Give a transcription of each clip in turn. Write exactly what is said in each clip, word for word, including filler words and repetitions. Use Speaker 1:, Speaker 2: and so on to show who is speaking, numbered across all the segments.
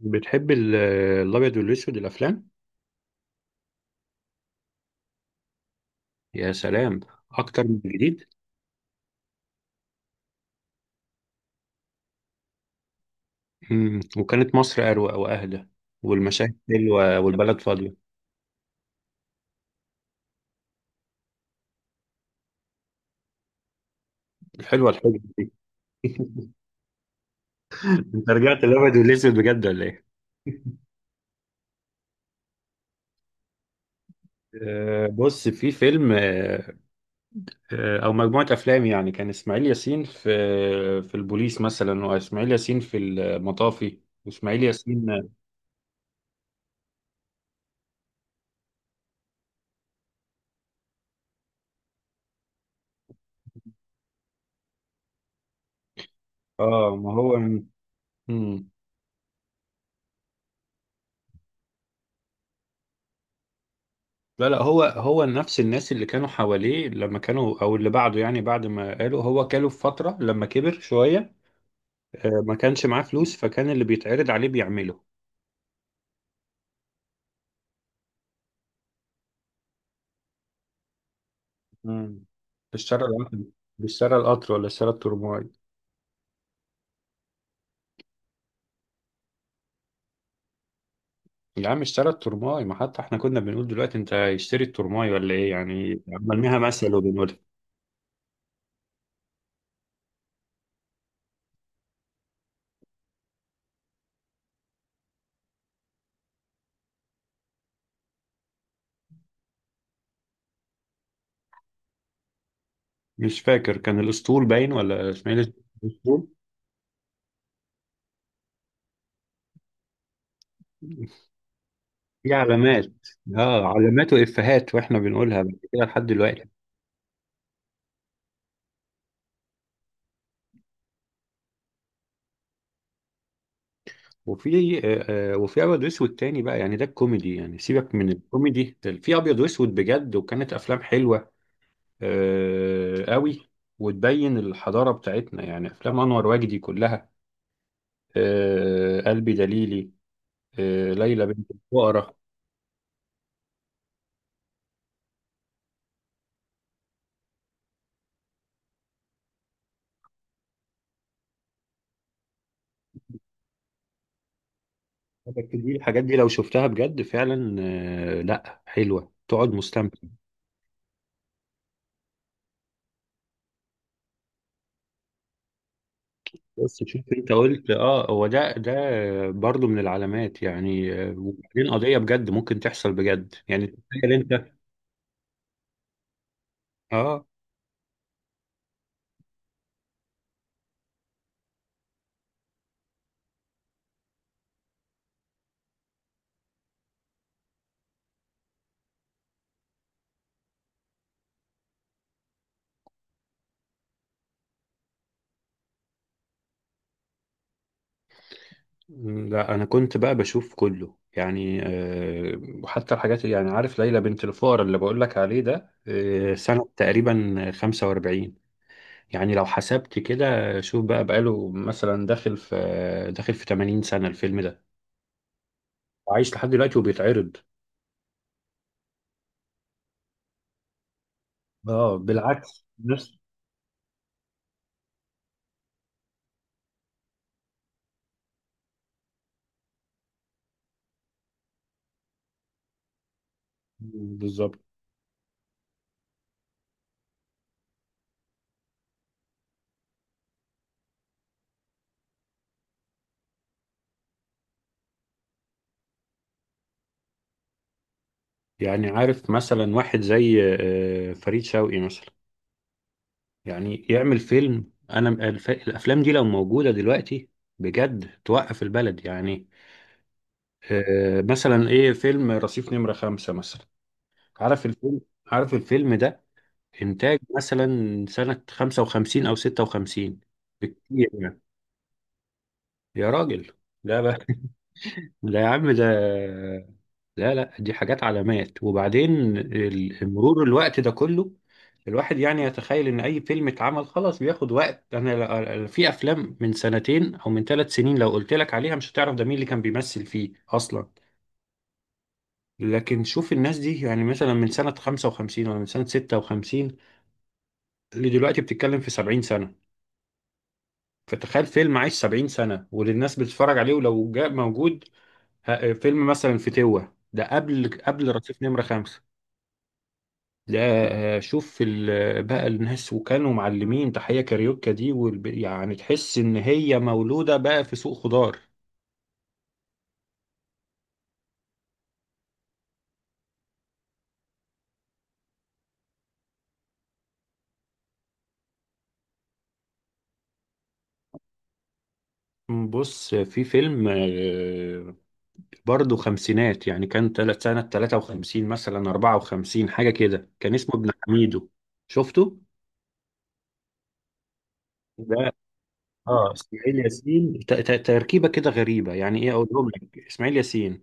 Speaker 1: بتحب ال- الابيض والاسود الافلام. يا سلام اكتر من الجديد. مم. وكانت مصر اروق واهدى، والمشاهد حلوه والبلد فاضيه. الحلوه الحلوه انت رجعت الابيض والاسود بجد ولا ايه؟ أه بص، في فيلم، أه آه، او مجموعه افلام، يعني كان اسماعيل ياسين في في البوليس مثلا، واسماعيل ياسين في المطافي، واسماعيل ياسين. اه، ما هو. مم. لا لا هو هو نفس الناس اللي كانوا حواليه لما كانوا، او اللي بعده، يعني بعد ما قالوا هو كاله في فترة لما كبر شوية. آه، ما كانش معاه فلوس، فكان اللي بيتعرض عليه بيعمله. مم. اشترى القطر، اشترى القطر ولا اشترى الترماي؟ يا عم اشترى الترماي، ما حتى احنا كنا بنقول دلوقتي انت اشتري الترماي ولا ايه، يعني عملناها مثل وبنقولها. مش فاكر، كان الاسطول باين ولا اسماعيل، الاسطول. في علامات، اه، علامات وافيهات واحنا بنقولها بعد كده لحد دلوقتي. وفي آه، آه، وفي ابيض واسود تاني بقى، يعني ده الكوميدي، يعني سيبك من الكوميدي ده، في ابيض واسود بجد، وكانت افلام حلوه آه، قوي. وتبين الحضاره بتاعتنا، يعني افلام انور وجدي كلها، آه، قلبي دليلي، آه، ليلى بنت الفقراء. دي الحاجات دي لو شفتها بجد فعلا، آه، لا حلوه، تقعد مستمتع. بس شوف، انت قلت اه، هو ده ده برضو من العلامات، يعني آه، وبعدين قضيه بجد ممكن تحصل بجد، يعني تخيل انت. اه، لا انا كنت بقى بشوف كله يعني. آه، وحتى الحاجات اللي- يعني عارف ليلى بنت الفقر اللي بقول لك عليه ده، آه، سنة تقريبا خمسة واربعين، يعني لو حسبت كده، شوف بقى بقاله مثلا داخل في داخل في ثمانين سنة الفيلم ده، وعايش لحد دلوقتي وبيتعرض. اه بالعكس، نفس بالظبط. يعني عارف مثلا واحد زي آه، فريد شوقي مثلا، يعني يعمل فيلم، انا الف- الافلام دي لو موجودة دلوقتي بجد توقف البلد يعني. آه، مثلا ايه، فيلم رصيف نمرة خمسة مثلا، عارف الفيلم؟ عارف الفيلم ده؟ انتاج مثلا سنة خمسة وخمسين او ستة وخمسين بكتير يعني. يا راجل لا بقى! لا يا عم ده، لا لا، دي حاجات علامات، وبعدين ال- مرور الوقت ده كله، الواحد يعني يتخيل ان اي فيلم اتعمل خلاص بياخد وقت. انا ل- في افلام من سنتين او من ثلاث سنين لو قلت لك عليها مش هتعرف ده مين اللي كان بيمثل فيه اصلا. لكن شوف الناس دي، يعني مثلا من سنة خمسة وخمسين ولا من سنة ستة وخمسين لدلوقتي بتتكلم في سبعين سنة. فتخيل فيلم عايش سبعين سنة وللناس بتتفرج عليه، ولو جاء موجود ه- فيلم مثلا في توة ده، قبل قبل رصيف نمرة خمسة ده. آه، شوف ال- بقى الناس، وكانوا معلمين تحية كاريوكا دي والب... يعني تحس إن هي مولودة بقى في سوق خضار. بص في فيلم برضه خمسينات، يعني كان تلت سنة ثلاثة وخمسين مثلا اربعة وخمسين حاجة كده، كان اسمه ابن حميدو، شفته؟ ده، اه اسماعيل ياسين، ت- ت- تركيبة كده غريبة، يعني ايه اقولهم لك، اسماعيل ياسين،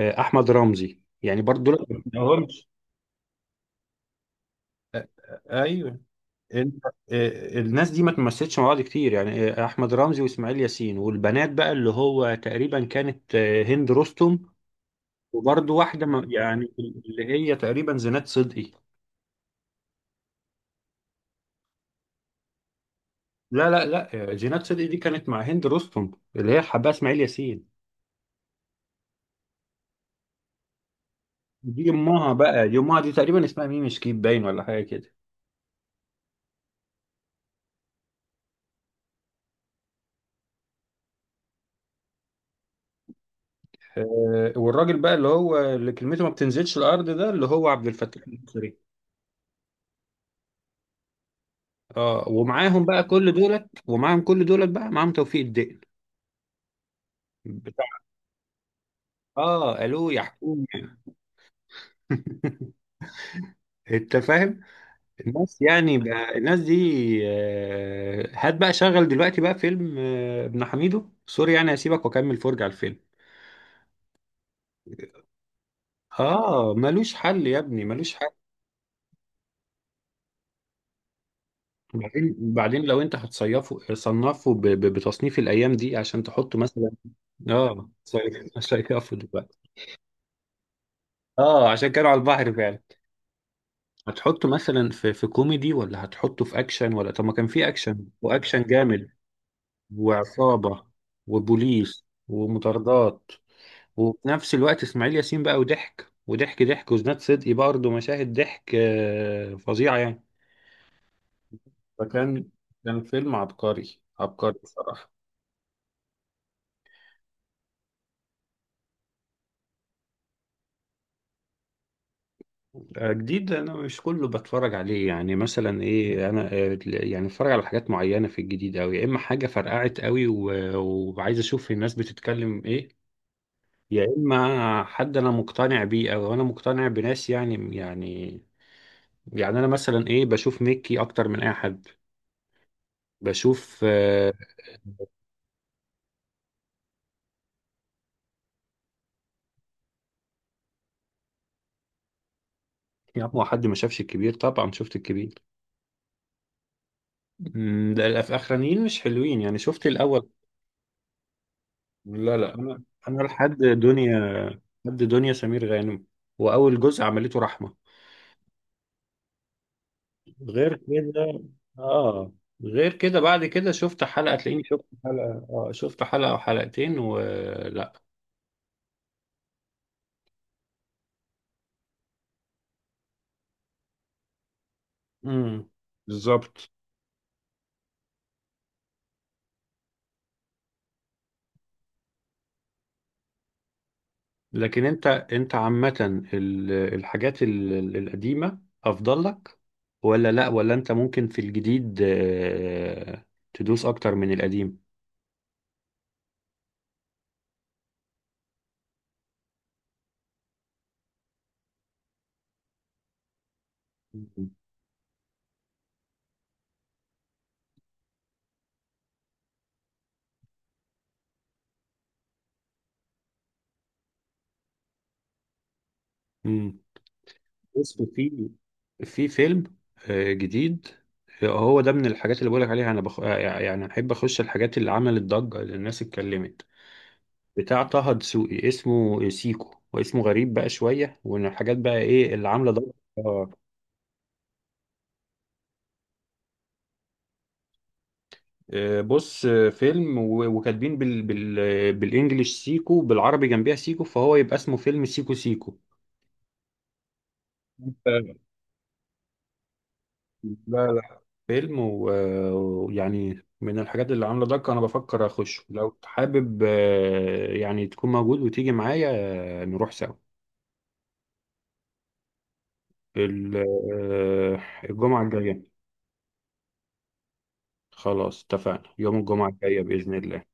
Speaker 1: آه، احمد رمزي، يعني برضه دول ما قلناهمش. ايوه. انت، آه، الناس دي ما تمثلتش مع بعض كتير، يعني آه، احمد رمزي واسماعيل ياسين، والبنات بقى اللي هو تقريبا كانت آه، هند رستم، وبرضه واحدة ما- يعني اللي هي تقريبا زينات صدقي. لا لا لا، جينات صدقي دي كانت مع هند رستم اللي هي حباها اسماعيل ياسين. دي امها بقى، دي امها، دي تقريبا اسمها ميمي شكيب باين ولا حاجه كده. آه، والراجل بقى اللي هو اللي كلمته ما بتنزلش الارض ده، اللي هو عبد الفتاح النصري. اه، ومعاهم بقى كل دولت، ومعاهم كل دولت بقى، معاهم توفيق الدقن بتاع اه الو يا حكومه. انت فاهم، الناس يعني بقى الناس دي. آه، هات بقى شغل دلوقتي بقى فيلم آه، ابن حميدو. سوري يعني، هسيبك واكمل فرجة على الفيلم. اه ملوش حل يا ابني، ملوش حل. بعدين بعدين لو انت هتصيفه، صنفه ب... ب... بتصنيف الايام دي عشان تحطه مثلا. اه، صيف- صيفه دلوقتي. اه عشان كانوا على البحر فعلا. هتحطه مثلا في في كوميدي، ولا هتحطه في اكشن؟ ولا طب ما كان في اكشن، واكشن جامد، وعصابة وبوليس ومطاردات. وفي نفس الوقت اسماعيل ياسين بقى، وضحك وضحك ضحك، وزناد صدقي برضه مشاهد ضحك آه، فظيعة يعني. فكان، كان فيلم عبقري عبقري بصراحة. آه، جديد أنا مش كله بتفرج عليه، يعني مثلا إيه، أنا آه، يعني بتفرج على حاجات معينة في الجديد أوي، يا إما حاجة فرقعت أوي و- وعايز أشوف الناس بتتكلم إيه، يا إما حد أنا مقتنع بيه، أو أنا مقتنع بناس يعني يعني. يعني أنا مثلا إيه بشوف ميكي أكتر من أي حد. بشوف آه، يا عم، هو حد ما شافش الكبير؟ طبعا شفت الكبير. مم، ده الأف- الاخرانيين مش حلوين يعني، شفت الاول، لا لا، انا انا لحد دنيا، لحد دنيا سمير غانم، واول جزء عملته رحمه. غير كده، اه غير كده، بعد كده شفت حلقه، تلاقيني شفت حلقه، اه، شفت حلقه او حلقتين ولا، امم، بالظبط. لكن انت، انت عامه ال- الحاجات ال- ال- القديمه افضل لك ولا لا؟ ولا انت ممكن في الجديد آه، تدوس اكتر من القديم؟ امم. بص في في فيلم آه، جديد، آه، هو ده من الحاجات اللي بقولك عليها، انا بخ... آه، يعني احب اخش الحاجات اللي عملت ضجة، اللي الناس اتكلمت، بتاع طه دسوقي اسمه سيكو، واسمه غريب بقى شوية، وان الحاجات بقى ايه اللي عاملة ضجة. آه، آه، بص، آه، فيلم، و- وكاتبين بال... بال... بالانجلش سيكو، بالعربي جنبيها سيكو، فهو يبقى اسمه فيلم سيكو سيكو. لا لا فيلم، و- ويعني من الحاجات اللي عامله ضجه، انا بفكر اخش، لو حابب آه، يعني تكون موجود وتيجي معايا، آه، نروح سوا. ال- آه، الجمعه الجايه. خلاص اتفقنا يوم الجمعه الجايه باذن الله.